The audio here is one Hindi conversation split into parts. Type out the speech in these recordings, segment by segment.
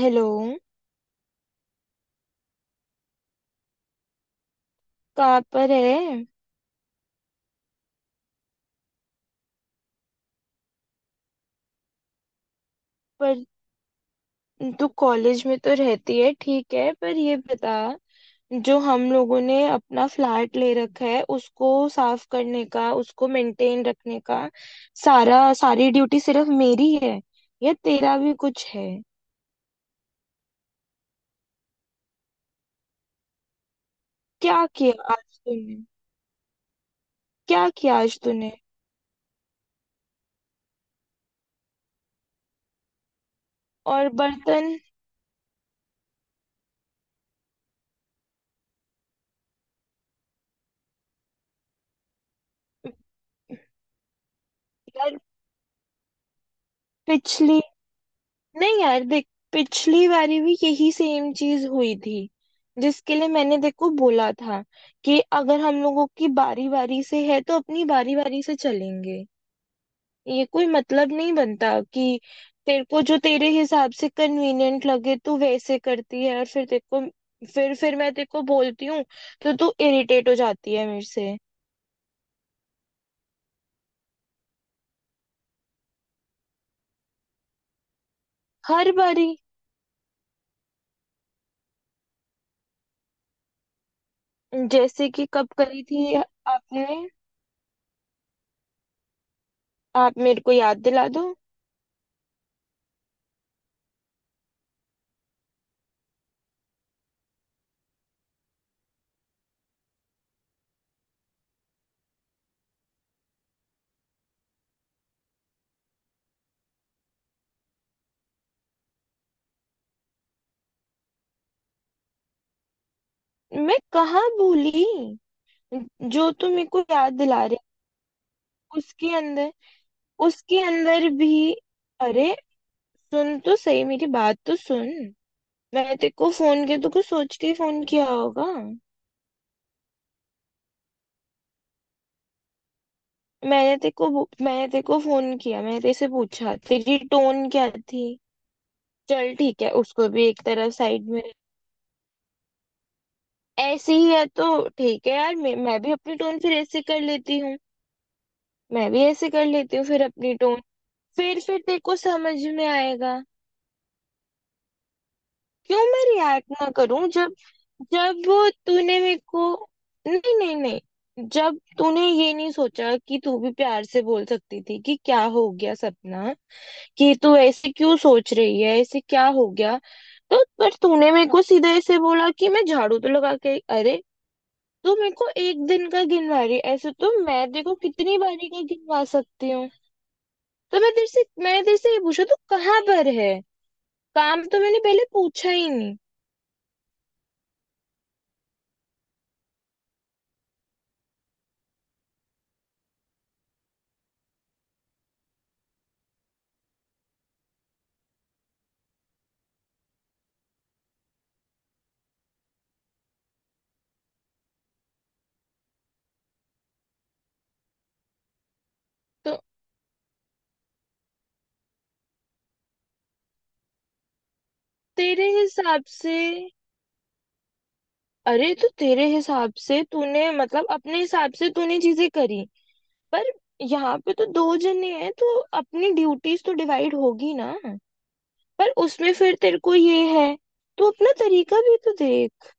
हेलो। कहाँ पर है? पर तू कॉलेज में तो रहती है, ठीक है, पर ये बता। जो हम लोगों ने अपना फ्लैट ले रखा है उसको साफ करने का, उसको मेंटेन रखने का सारा सारी ड्यूटी सिर्फ मेरी है, या तेरा भी कुछ है? क्या किया आज तूने? क्या किया आज तूने? और बर्तन? यार, पिछली नहीं यार, देख, पिछली बारी भी यही सेम चीज हुई थी, जिसके लिए मैंने देखो बोला था कि अगर हम लोगों की बारी बारी से है तो अपनी बारी बारी से चलेंगे। ये कोई मतलब नहीं बनता कि तेरे को जो तेरे हिसाब से कन्वीनियंट लगे तू वैसे करती है, और फिर तेरे को फिर मैं तेरे को बोलती हूँ तो तू इरिटेट हो जाती है मेरे से। हर बारी। जैसे कि कब करी थी आपने? आप मेरे को याद दिला दो। मैं कहाँ भूली? जो तुम मेरे को याद दिला रहे हो, उसके अंदर भी। अरे, सुन तो सही, मेरी बात तो सुन। मैंने तेरे को फोन किया तो कुछ सोच के फोन किया होगा। मैंने तेरे को फोन किया, मैंने तेरे से पूछा, तेरी टोन क्या थी। चल, ठीक है, उसको भी एक तरफ साइड में रख। ऐसे ही है तो ठीक है यार, मैं भी अपनी टोन फिर ऐसे कर लेती हूँ। मैं भी ऐसे कर लेती हूँ फिर अपनी टोन। फिर तेरे को समझ में आएगा। क्यों मैं रिएक्ट ना करूं? जब जब तूने मेरे को नहीं, नहीं, नहीं, जब तूने ये नहीं सोचा कि तू भी प्यार से बोल सकती थी कि क्या हो गया सपना, कि तू ऐसे क्यों सोच रही है, ऐसे क्या हो गया। तो पर तूने मेरे को सीधे ऐसे बोला कि मैं झाड़ू तो लगा के, अरे, तू मेरे को एक दिन का गिनवा रही है। ऐसे तो मैं देखो कितनी बारी का गिनवा सकती हूँ। तो मैं तेरे से ये पूछा, तू कहाँ पर है? काम तो मैंने पहले पूछा ही नहीं। तो तेरे हिसाब से? अरे, तो तेरे हिसाब से तूने, मतलब, अपने हिसाब से तूने चीजें करी। पर यहाँ पे तो दो जने हैं तो अपनी ड्यूटीज तो डिवाइड होगी ना। पर उसमें फिर तेरे को ये है, तो अपना तरीका भी तो देख।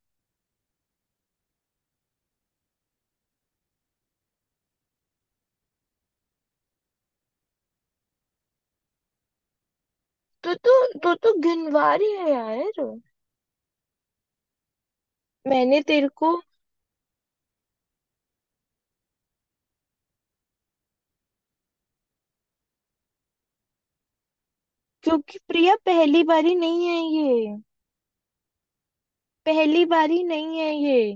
तो गिनवारी है यार। मैंने तेरे को क्योंकि, प्रिया, पहली बारी नहीं है ये। पहली बारी नहीं है ये,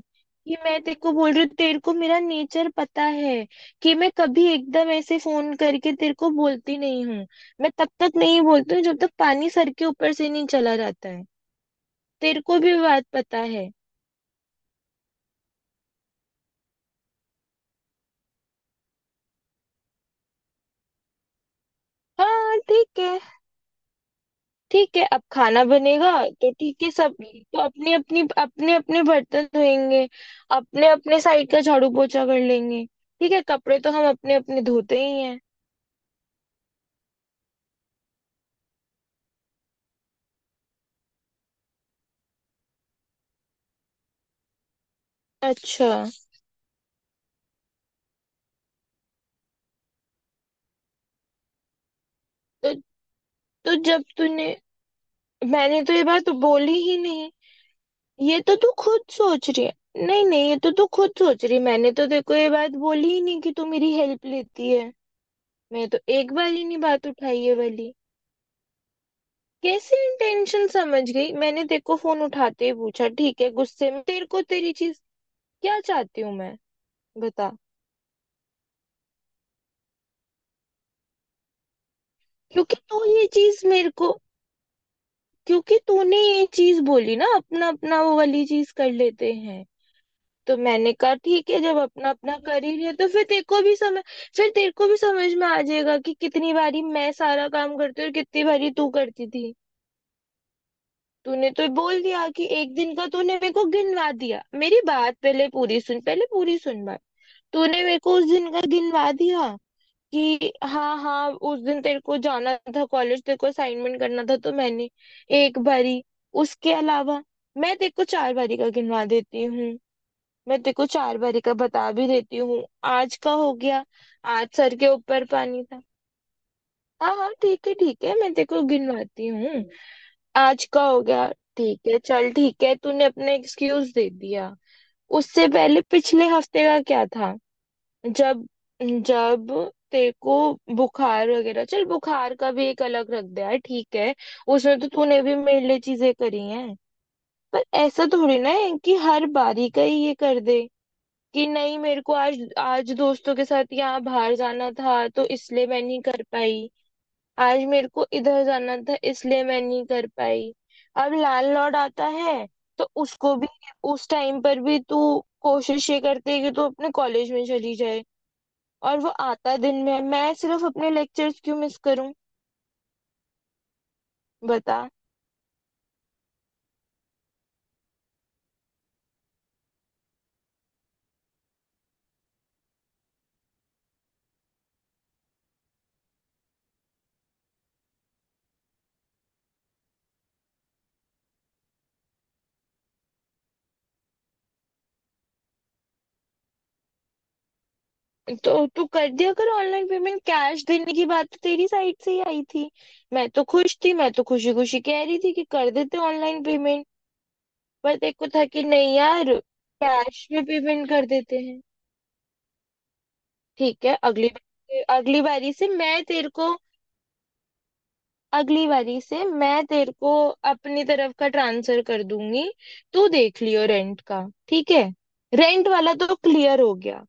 कि मैं तेरे को बोल रही हूँ। तेरे को मेरा नेचर पता है कि मैं कभी एकदम ऐसे फोन करके तेरे को बोलती नहीं हूँ। मैं तब तक नहीं बोलती हूँ जब तक पानी सर के ऊपर से नहीं चला जाता है। तेरे को भी बात पता है। हाँ, ठीक है। ठीक है, अब खाना बनेगा, तो ठीक है, सब तो अपने अपने बर्तन धोएंगे। अपने अपने साइड का झाड़ू पोछा कर लेंगे, ठीक है। कपड़े तो हम अपने अपने धोते ही हैं। अच्छा। तो तो जब तूने मैंने तो ये बात बोली ही नहीं। ये तो तू खुद सोच रही है। नहीं, नहीं, ये तो तू खुद सोच रही है, मैंने तो देखो ये बात बोली ही नहीं कि तू मेरी हेल्प लेती है। मैं तो एक बार ही नहीं बात उठाई ये वाली। कैसे इंटेंशन समझ गई? मैंने तेरे को फोन उठाते ही पूछा, ठीक है, गुस्से में तेरे को तेरी चीज। क्या चाहती हूँ मैं, बता। क्योंकि तू ये चीज मेरे को क्योंकि तूने ये चीज बोली ना, अपना अपना वो वाली चीज कर लेते हैं। तो मैंने कहा, ठीक है, जब अपना अपना कर ही रहे, तो फिर तेरे को भी समझ में आ जाएगा कि कितनी बारी मैं सारा काम करती हूँ और कितनी बारी तू करती थी। तूने तो बोल दिया कि एक दिन का तूने मेरे को गिनवा दिया। मेरी बात पहले पूरी सुन, पहले पूरी सुन बात। तूने मेरे को उस दिन का गिनवा दिया कि हाँ हाँ उस दिन तेरे को जाना था कॉलेज, तेरे को असाइनमेंट करना था तो मैंने। एक बारी। उसके अलावा मैं तेरे को चार बारी का गिनवा देती हूँ। मैं तेरे को चार बारी का बता भी देती हूँ, आज का हो गया। आज सर के ऊपर पानी था। हाँ हाँ, ठीक है ठीक है, मैं तेरे को गिनवाती हूँ। आज का हो गया। ठीक है, चल ठीक है, तूने अपने एक्सक्यूज दे दिया। उससे पहले पिछले हफ्ते का क्या था? जब जब तेरे को बुखार वगैरह, चल बुखार का भी एक अलग रख दिया है, ठीक है। उसमें तो तूने भी मेरे लिए चीजें करी हैं, पर ऐसा थोड़ी ना है कि हर बारी का ही ये कर दे, कि नहीं, मेरे को आज आज दोस्तों के साथ यहाँ बाहर जाना था तो इसलिए मैं नहीं कर पाई, आज मेरे को इधर जाना था इसलिए मैं नहीं कर पाई। अब लैंडलॉर्ड आता है, तो उसको भी, उस टाइम पर भी तू कोशिश ये करती है कि तू अपने कॉलेज में चली जाए, और वो आता दिन में है। मैं सिर्फ अपने लेक्चर्स क्यों मिस करूं? बता। तो तू कर दिया कर ऑनलाइन पेमेंट, कैश देने की बात तो तेरी साइड से ही आई थी। मैं तो खुश थी, मैं तो खुशी खुशी कह रही थी कि कर देते ऑनलाइन पेमेंट। पर देखो, था कि नहीं यार, कैश में पेमेंट कर देते हैं। ठीक है, अगली अगली बारी से मैं तेरे को अगली बारी से मैं तेरे को अपनी तरफ का ट्रांसफर कर दूंगी, तू देख लियो रेंट का, ठीक है। रेंट वाला तो क्लियर हो गया।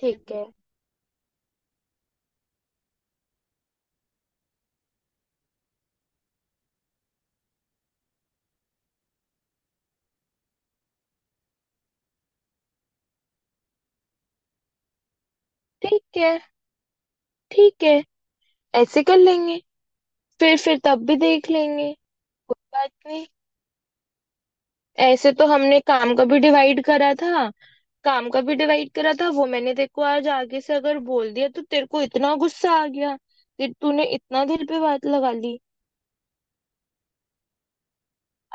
ठीक है, ठीक है, ठीक है, ऐसे कर लेंगे, फिर तब भी देख लेंगे, कोई बात नहीं। ऐसे तो हमने काम का भी डिवाइड करा था। काम का भी डिवाइड करा था वो, मैंने तेरे को आज आगे से अगर बोल दिया तो तेरे को इतना गुस्सा आ गया कि तूने इतना दिल पे बात लगा ली।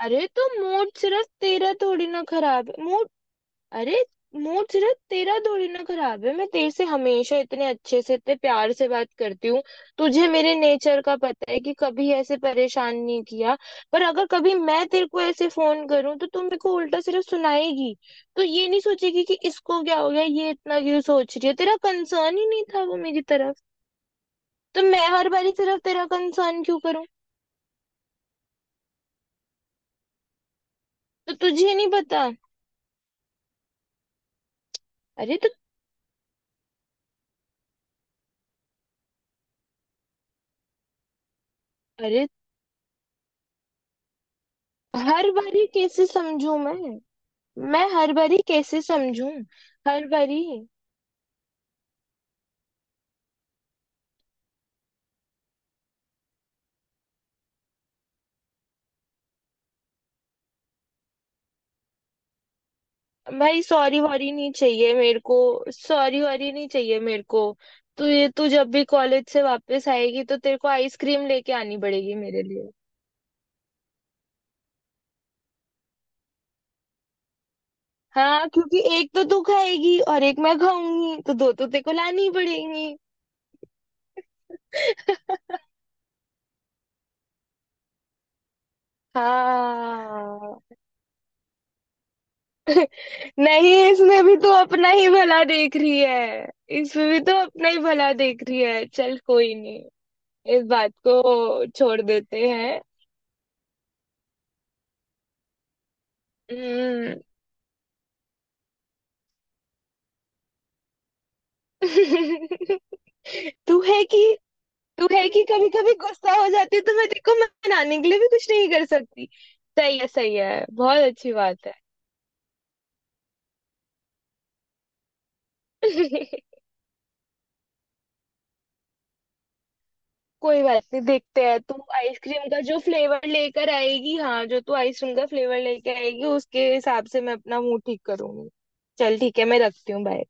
अरे, तो मूड सिर्फ तेरा थोड़ी ना खराब है, मूड। अरे, मूड सिर्फ तेरा थोड़ी ना खराब है। मैं तेरे से हमेशा इतने अच्छे से, इतने प्यार से बात करती हूँ, तुझे मेरे नेचर का पता है कि कभी ऐसे परेशान नहीं किया। पर अगर कभी मैं तेरे को ऐसे फोन करूँ, तो तू मेरे को उल्टा सिर्फ सुनाएगी, तो ये नहीं सोचेगी कि इसको क्या हो गया, ये इतना क्यों सोच रही है? तेरा कंसर्न ही नहीं था वो, मेरी तरफ। तो मैं हर बारी सिर्फ तेरा कंसर्न क्यों करूँ? तो तुझे नहीं पता? अरे तो अरे, हर बारी कैसे समझू मैं? मैं हर बारी कैसे समझूं? हर बारी। भाई, सॉरी वॉरी नहीं चाहिए मेरे को। सॉरी वॉरी नहीं चाहिए मेरे को। तू जब भी कॉलेज से वापस आएगी तो तेरे को आइसक्रीम लेके आनी पड़ेगी मेरे लिए। हाँ, क्योंकि एक तो तू खाएगी और एक मैं खाऊंगी तो दो तो तेरे को लानी ही पड़ेंगी। हाँ, नहीं, इसमें भी तो अपना ही भला देख रही है। इसमें भी तो अपना ही भला देख रही है, चल कोई नहीं, इस बात को छोड़ देते हैं। हम्म। तू है कि तू है कि कभी कभी गुस्सा हो जाती है तो मैं तेरे को मनाने के लिए भी कुछ नहीं कर सकती। सही है, सही है, बहुत अच्छी बात है। कोई बात नहीं, देखते हैं, तू आइसक्रीम का जो फ्लेवर लेकर आएगी, हाँ, जो तू आइसक्रीम का फ्लेवर लेकर आएगी उसके हिसाब से मैं अपना मुंह ठीक करूंगी। चल, ठीक है, मैं रखती हूँ, बाय।